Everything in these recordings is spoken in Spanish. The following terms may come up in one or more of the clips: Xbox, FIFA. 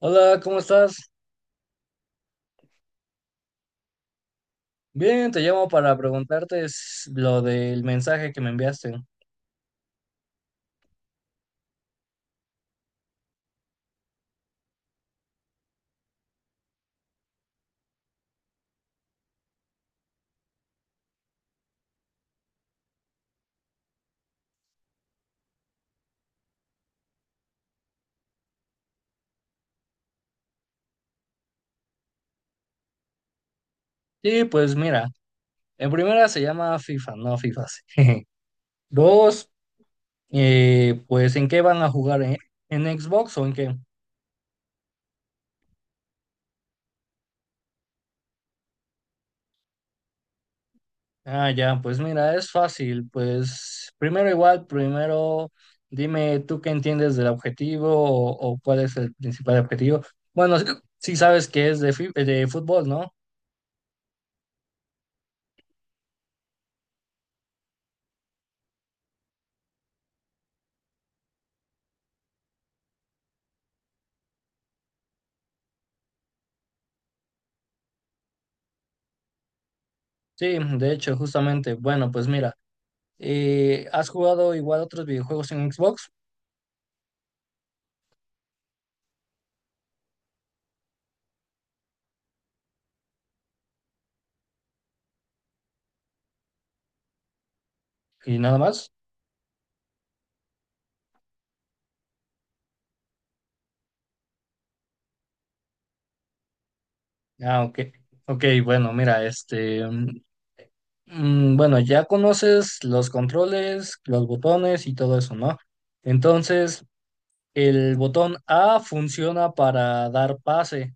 Hola, ¿cómo estás? Bien, te llamo para preguntarte lo del mensaje que me enviaste. Sí, pues mira, en primera se llama FIFA, no FIFAs. Dos, pues ¿en qué van a jugar? ¿En Xbox o en qué? Ah, ya, pues mira, es fácil. Pues primero igual, primero dime tú qué entiendes del objetivo o cuál es el principal objetivo. Bueno, sí, sí sabes que es de fútbol, ¿no? Sí, de hecho, justamente. Bueno, pues mira, ¿has jugado igual otros videojuegos en Xbox y nada más? Ah, ok. Ok, bueno, mira, bueno, ya conoces los controles, los botones y todo eso, ¿no? Entonces, el botón A funciona para dar pase,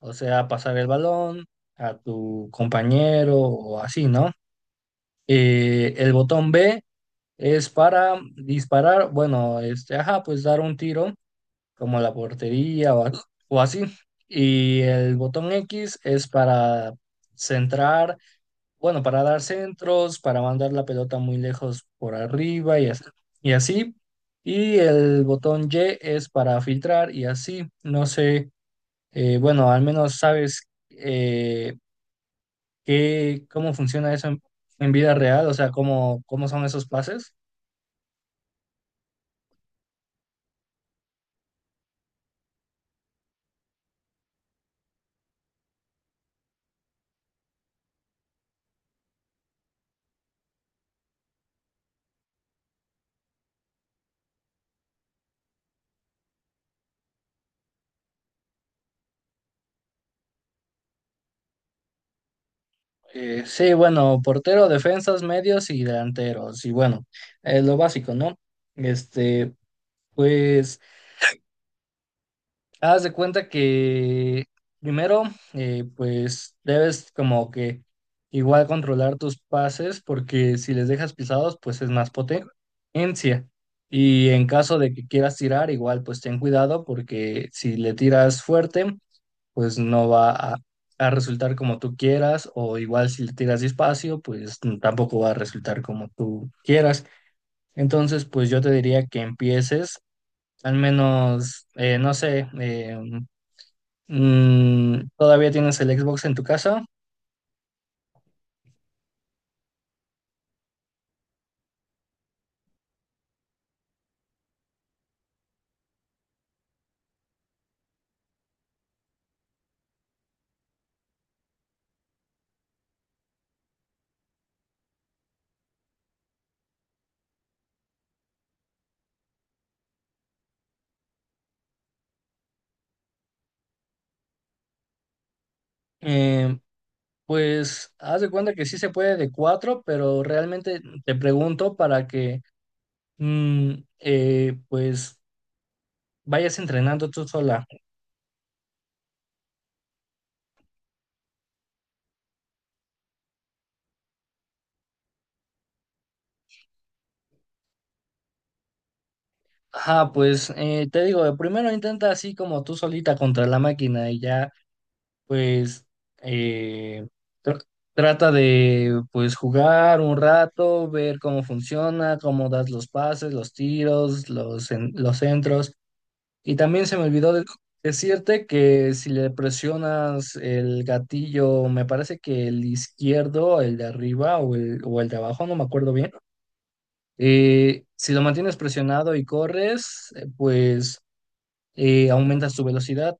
o sea, pasar el balón a tu compañero o así, ¿no? El botón B es para disparar, bueno, ajá, pues dar un tiro como la portería o así. Y el botón X es para centrar, bueno, para dar centros, para mandar la pelota muy lejos por arriba y así. Y el botón Y es para filtrar y así. No sé, bueno, al menos sabes eh, cómo funciona eso en vida real, o sea, cómo son esos pases. Sí, bueno, portero, defensas, medios y delanteros. Y bueno, es lo básico, ¿no? Este, pues, haz de cuenta que primero, pues, debes como que igual controlar tus pases, porque si les dejas pisados, pues es más potencia. Y en caso de que quieras tirar, igual, pues ten cuidado, porque si le tiras fuerte, pues no va a resultar como tú quieras, o igual si le tiras despacio, pues tampoco va a resultar como tú quieras. Entonces, pues yo te diría que empieces, al menos, no sé, todavía tienes el Xbox en tu casa. Eh, pues haz de cuenta que sí se puede de cuatro, pero realmente te pregunto para que pues vayas entrenando tú sola. Ajá, pues te digo, primero intenta así como tú solita contra la máquina y ya, pues, eh, tr- trata de, pues, jugar un rato, ver cómo funciona, cómo das los pases, los tiros, los centros. Y también se me olvidó decirte que si le presionas el gatillo, me parece que el izquierdo, el de arriba o el de abajo, no me acuerdo bien. Si lo mantienes presionado y corres, pues y aumenta su velocidad.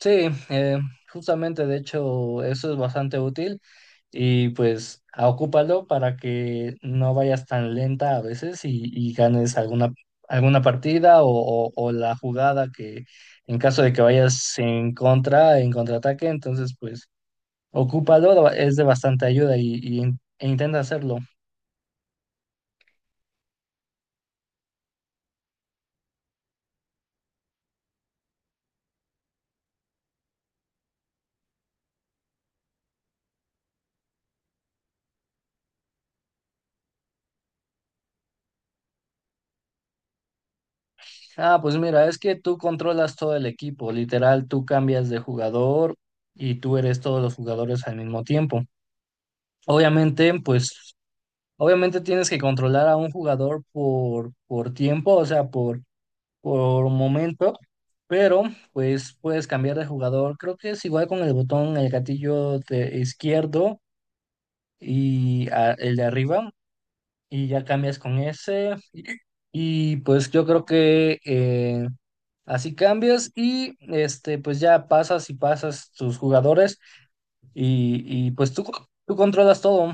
Sí, eh, justamente de hecho eso es bastante útil y pues ocúpalo para que no vayas tan lenta a veces y ganes alguna partida o la jugada que en caso de que vayas en contra, en contraataque, entonces pues ocúpalo, es de bastante ayuda e intenta hacerlo. Ah, pues mira, es que tú controlas todo el equipo, literal, tú cambias de jugador y tú eres todos los jugadores al mismo tiempo. Obviamente, pues, obviamente tienes que controlar a un jugador por tiempo, o sea, por momento, pero pues puedes cambiar de jugador. Creo que es igual con el botón, el gatillo de izquierdo y el de arriba, y ya cambias con ese. Y pues yo creo que así cambias y este, pues ya pasas y pasas tus jugadores y, y pues tú controlas todo.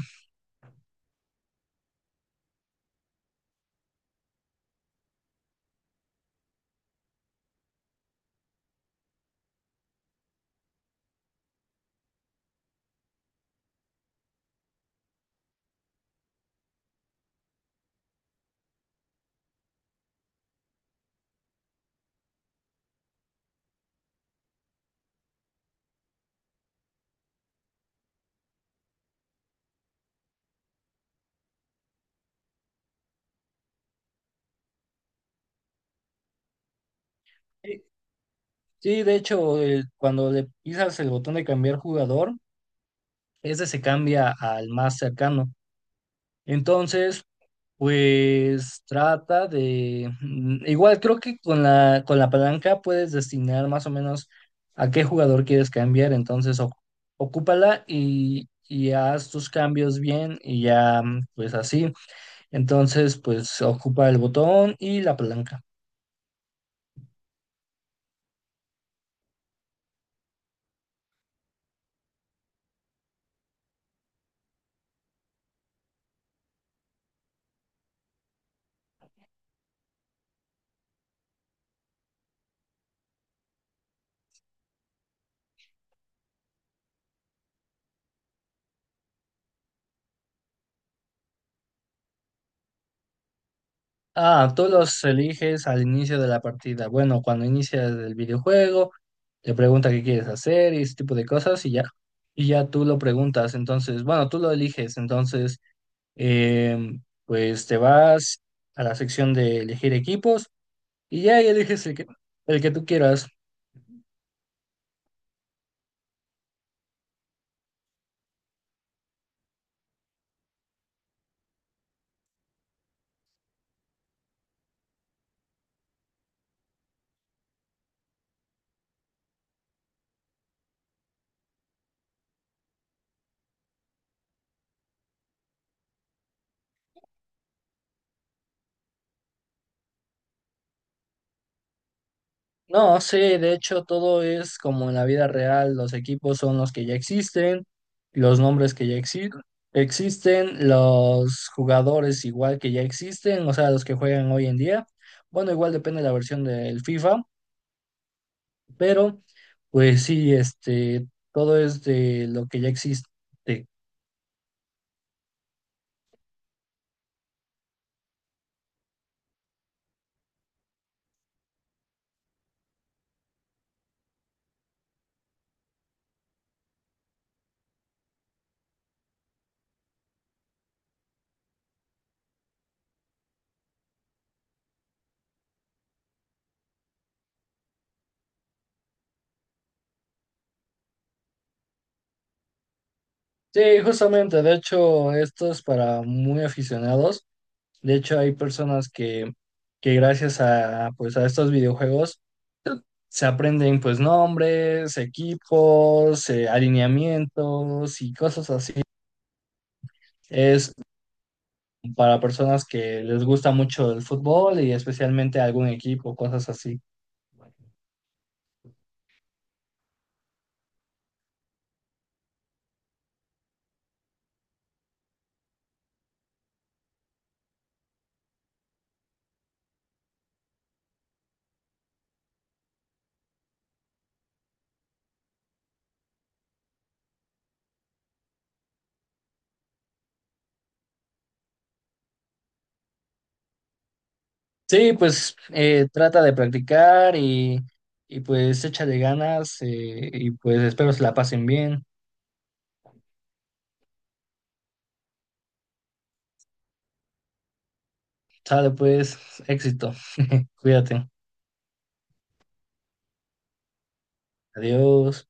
Sí, sí, de hecho, cuando le pisas el botón de cambiar jugador, ese se cambia al más cercano. Entonces, pues trata de... Igual creo que con la palanca puedes destinar más o menos a qué jugador quieres cambiar. Entonces, ocúpala y haz tus cambios bien y ya, pues así. Entonces, pues ocupa el botón y la palanca. Ah, tú los eliges al inicio de la partida. Bueno, cuando inicia el videojuego, te pregunta qué quieres hacer y ese tipo de cosas y ya. Y ya tú lo preguntas. Entonces, bueno, tú lo eliges. Entonces, pues te vas a la sección de elegir equipos y ya ahí eliges el que tú quieras. No, sí, de hecho todo es como en la vida real, los equipos son los que ya existen, los nombres que ya existen, los jugadores igual que ya existen, o sea, los que juegan hoy en día. Bueno, igual depende de la versión del FIFA, pero pues sí, este, todo es de lo que ya existe. Sí, justamente, de hecho, esto es para muy aficionados. De hecho, hay personas que gracias a, pues, a estos videojuegos se aprenden pues nombres, equipos, alineamientos y cosas así. Es para personas que les gusta mucho el fútbol y especialmente algún equipo, cosas así. Sí, pues trata de practicar y pues échale ganas y pues espero se la pasen bien. Sale pues, éxito. Cuídate. Adiós.